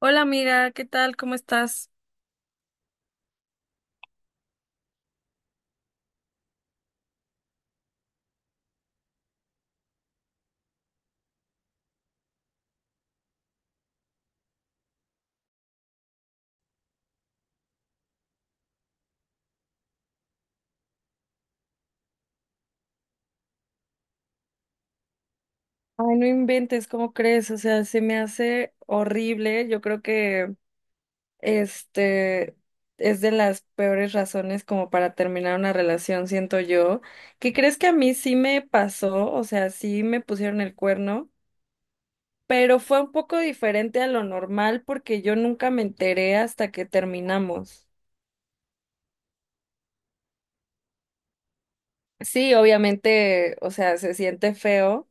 Hola amiga, ¿qué tal? ¿Cómo estás? Ay, no inventes, ¿cómo crees? O sea, se me hace horrible. Yo creo que este es de las peores razones como para terminar una relación, siento yo. ¿Qué crees que a mí sí me pasó? O sea, sí me pusieron el cuerno, pero fue un poco diferente a lo normal porque yo nunca me enteré hasta que terminamos. Sí, obviamente, o sea, se siente feo,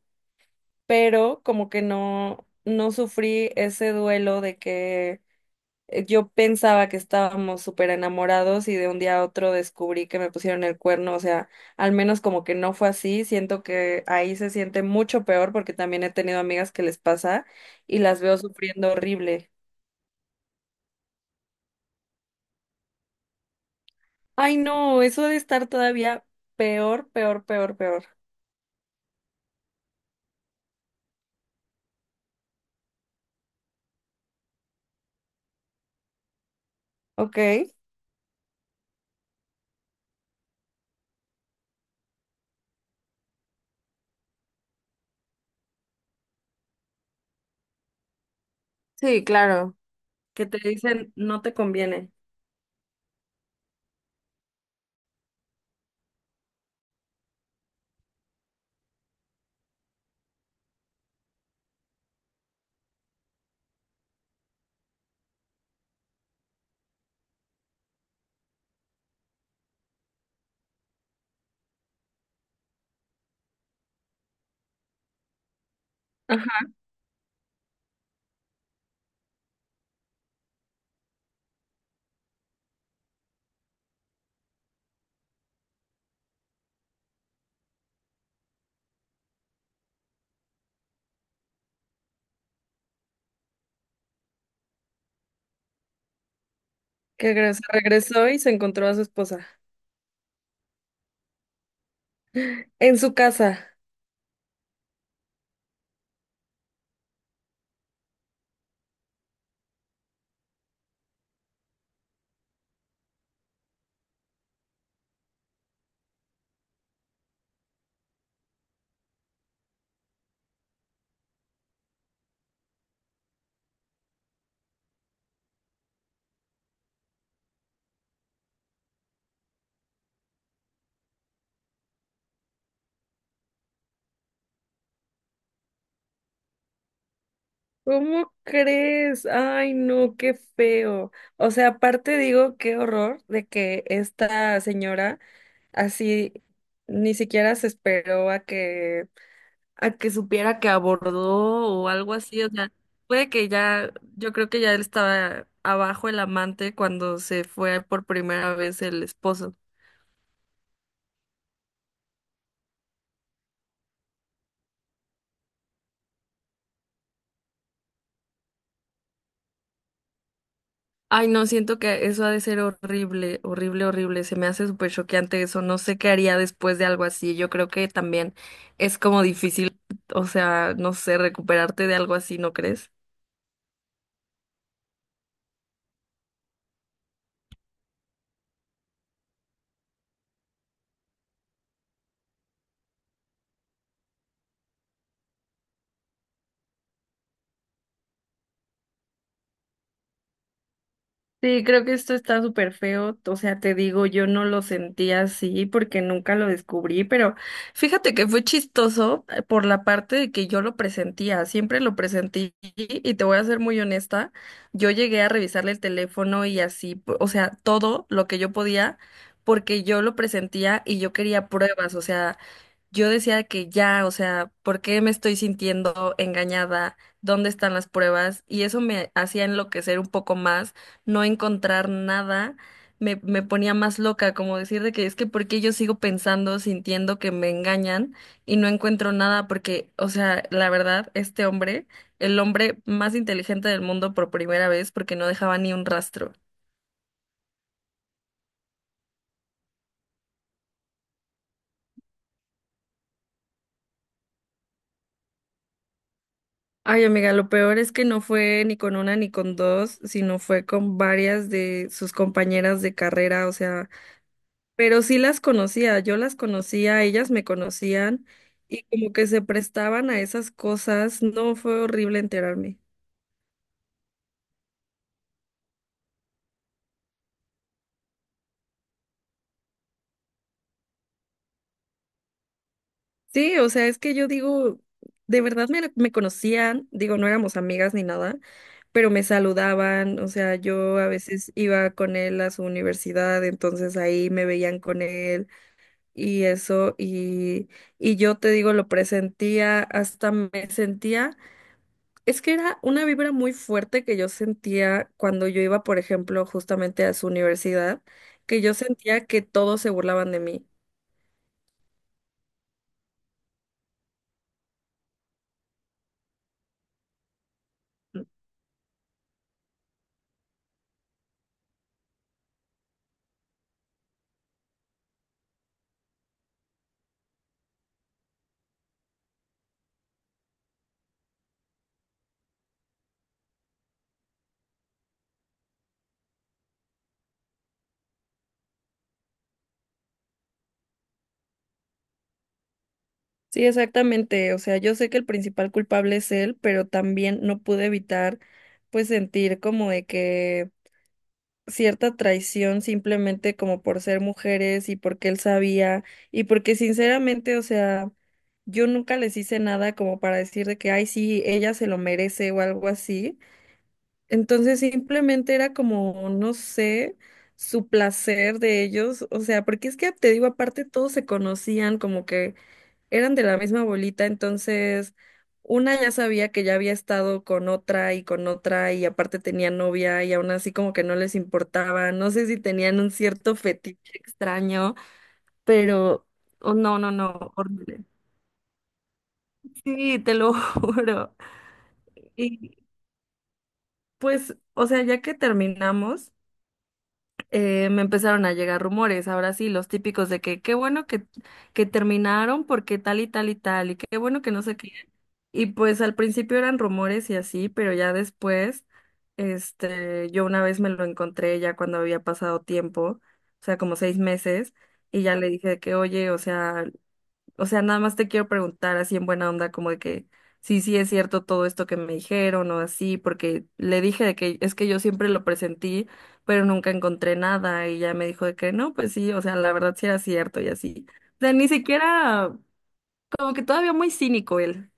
pero como que no, no sufrí ese duelo de que yo pensaba que estábamos súper enamorados y de un día a otro descubrí que me pusieron el cuerno. O sea, al menos como que no fue así, siento que ahí se siente mucho peor porque también he tenido amigas que les pasa y las veo sufriendo horrible. Ay, no, eso de estar todavía peor, peor, peor, peor. Ok. Sí, claro, que te dicen no te conviene. Ajá. Que regresó y se encontró a su esposa. En su casa. ¿Cómo crees? Ay, no, qué feo. O sea, aparte digo, qué horror de que esta señora así ni siquiera se esperó a que supiera que abordó o algo así. O sea, puede que ya, yo creo que ya él estaba abajo el amante cuando se fue por primera vez el esposo. Ay, no, siento que eso ha de ser horrible, horrible, horrible. Se me hace súper choqueante eso. No sé qué haría después de algo así. Yo creo que también es como difícil, o sea, no sé, recuperarte de algo así, ¿no crees? Sí, creo que esto está súper feo. O sea, te digo, yo no lo sentí así porque nunca lo descubrí, pero fíjate que fue chistoso, por la parte de que yo lo presentía, siempre lo presentí y te voy a ser muy honesta, yo llegué a revisarle el teléfono y así, o sea, todo lo que yo podía porque yo lo presentía y yo quería pruebas. O sea, yo decía que ya, o sea, ¿por qué me estoy sintiendo engañada? ¿Dónde están las pruebas? Y eso me hacía enloquecer un poco más, no encontrar nada, me ponía más loca, como decir de que es que ¿por qué yo sigo pensando, sintiendo que me engañan y no encuentro nada? Porque, o sea, la verdad, este hombre, el hombre más inteligente del mundo por primera vez, porque no dejaba ni un rastro. Ay, amiga, lo peor es que no fue ni con una ni con dos, sino fue con varias de sus compañeras de carrera. O sea, pero sí las conocía, yo las conocía, ellas me conocían y como que se prestaban a esas cosas. No fue horrible enterarme. Sí, o sea, es que yo digo, de verdad me conocían, digo, no éramos amigas ni nada, pero me saludaban. O sea, yo a veces iba con él a su universidad, entonces ahí me veían con él, y eso, y yo te digo, lo presentía, hasta me sentía, es que era una vibra muy fuerte que yo sentía cuando yo iba, por ejemplo, justamente a su universidad, que yo sentía que todos se burlaban de mí. Sí, exactamente, o sea, yo sé que el principal culpable es él, pero también no pude evitar, pues, sentir como de que cierta traición simplemente como por ser mujeres y porque él sabía y porque sinceramente, o sea, yo nunca les hice nada como para decir de que, ay, sí, ella se lo merece o algo así. Entonces simplemente era como, no sé, su placer de ellos. O sea, porque es que te digo, aparte todos se conocían como que eran de la misma bolita, entonces una ya sabía que ya había estado con otra y aparte tenía novia y aún así como que no les importaba, no sé si tenían un cierto fetiche extraño, pero oh, no, no, no, horrible. Sí, te lo juro. Y pues, o sea, ya que terminamos, me empezaron a llegar rumores, ahora sí, los típicos de que qué bueno que terminaron porque tal y tal y tal, y qué bueno que no sé qué. Y pues al principio eran rumores y así, pero ya después, yo una vez me lo encontré ya cuando había pasado tiempo, o sea, como 6 meses, y ya le dije de que, oye, o sea, nada más te quiero preguntar así en buena onda, como de que sí, sí es cierto todo esto que me dijeron o así, porque le dije de que es que yo siempre lo presentí, pero nunca encontré nada, y ya me dijo de que no, pues sí, o sea, la verdad sí era cierto y así. O sea, ni siquiera, como que todavía muy cínico él.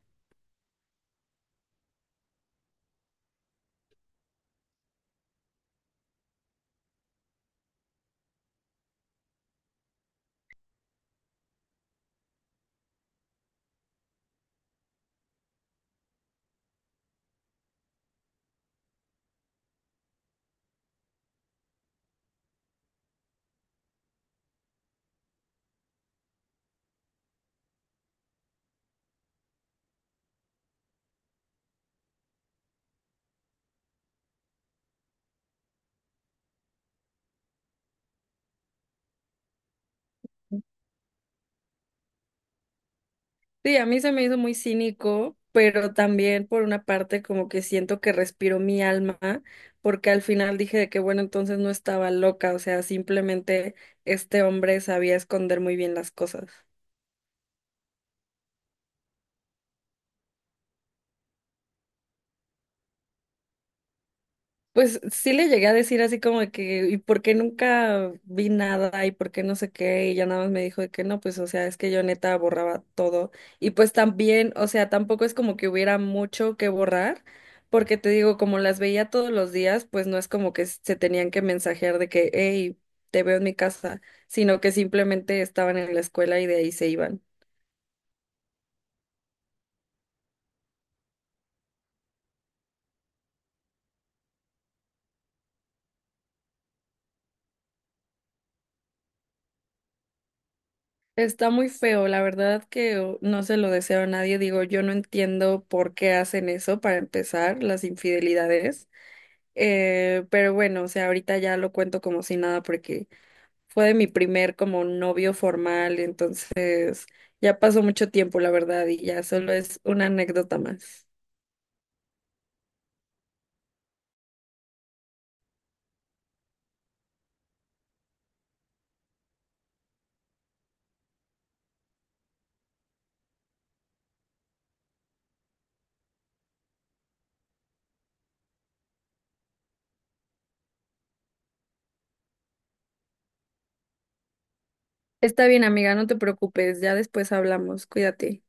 Sí, a mí se me hizo muy cínico, pero también por una parte como que siento que respiro mi alma, porque al final dije de que bueno, entonces no estaba loca, o sea, simplemente este hombre sabía esconder muy bien las cosas. Pues sí le llegué a decir así como de que, ¿y por qué nunca vi nada? ¿Y por qué no sé qué? Y ya nada más me dijo de que no, pues o sea, es que yo neta borraba todo. Y pues también, o sea, tampoco es como que hubiera mucho que borrar, porque te digo, como las veía todos los días, pues no es como que se tenían que mensajear de que, hey, te veo en mi casa, sino que simplemente estaban en la escuela y de ahí se iban. Está muy feo, la verdad que oh, no se lo deseo a nadie. Digo, yo no entiendo por qué hacen eso para empezar, las infidelidades. Pero bueno, o sea, ahorita ya lo cuento como si nada porque fue de mi primer como novio formal, entonces ya pasó mucho tiempo, la verdad, y ya solo es una anécdota más. Está bien, amiga, no te preocupes, ya después hablamos, cuídate.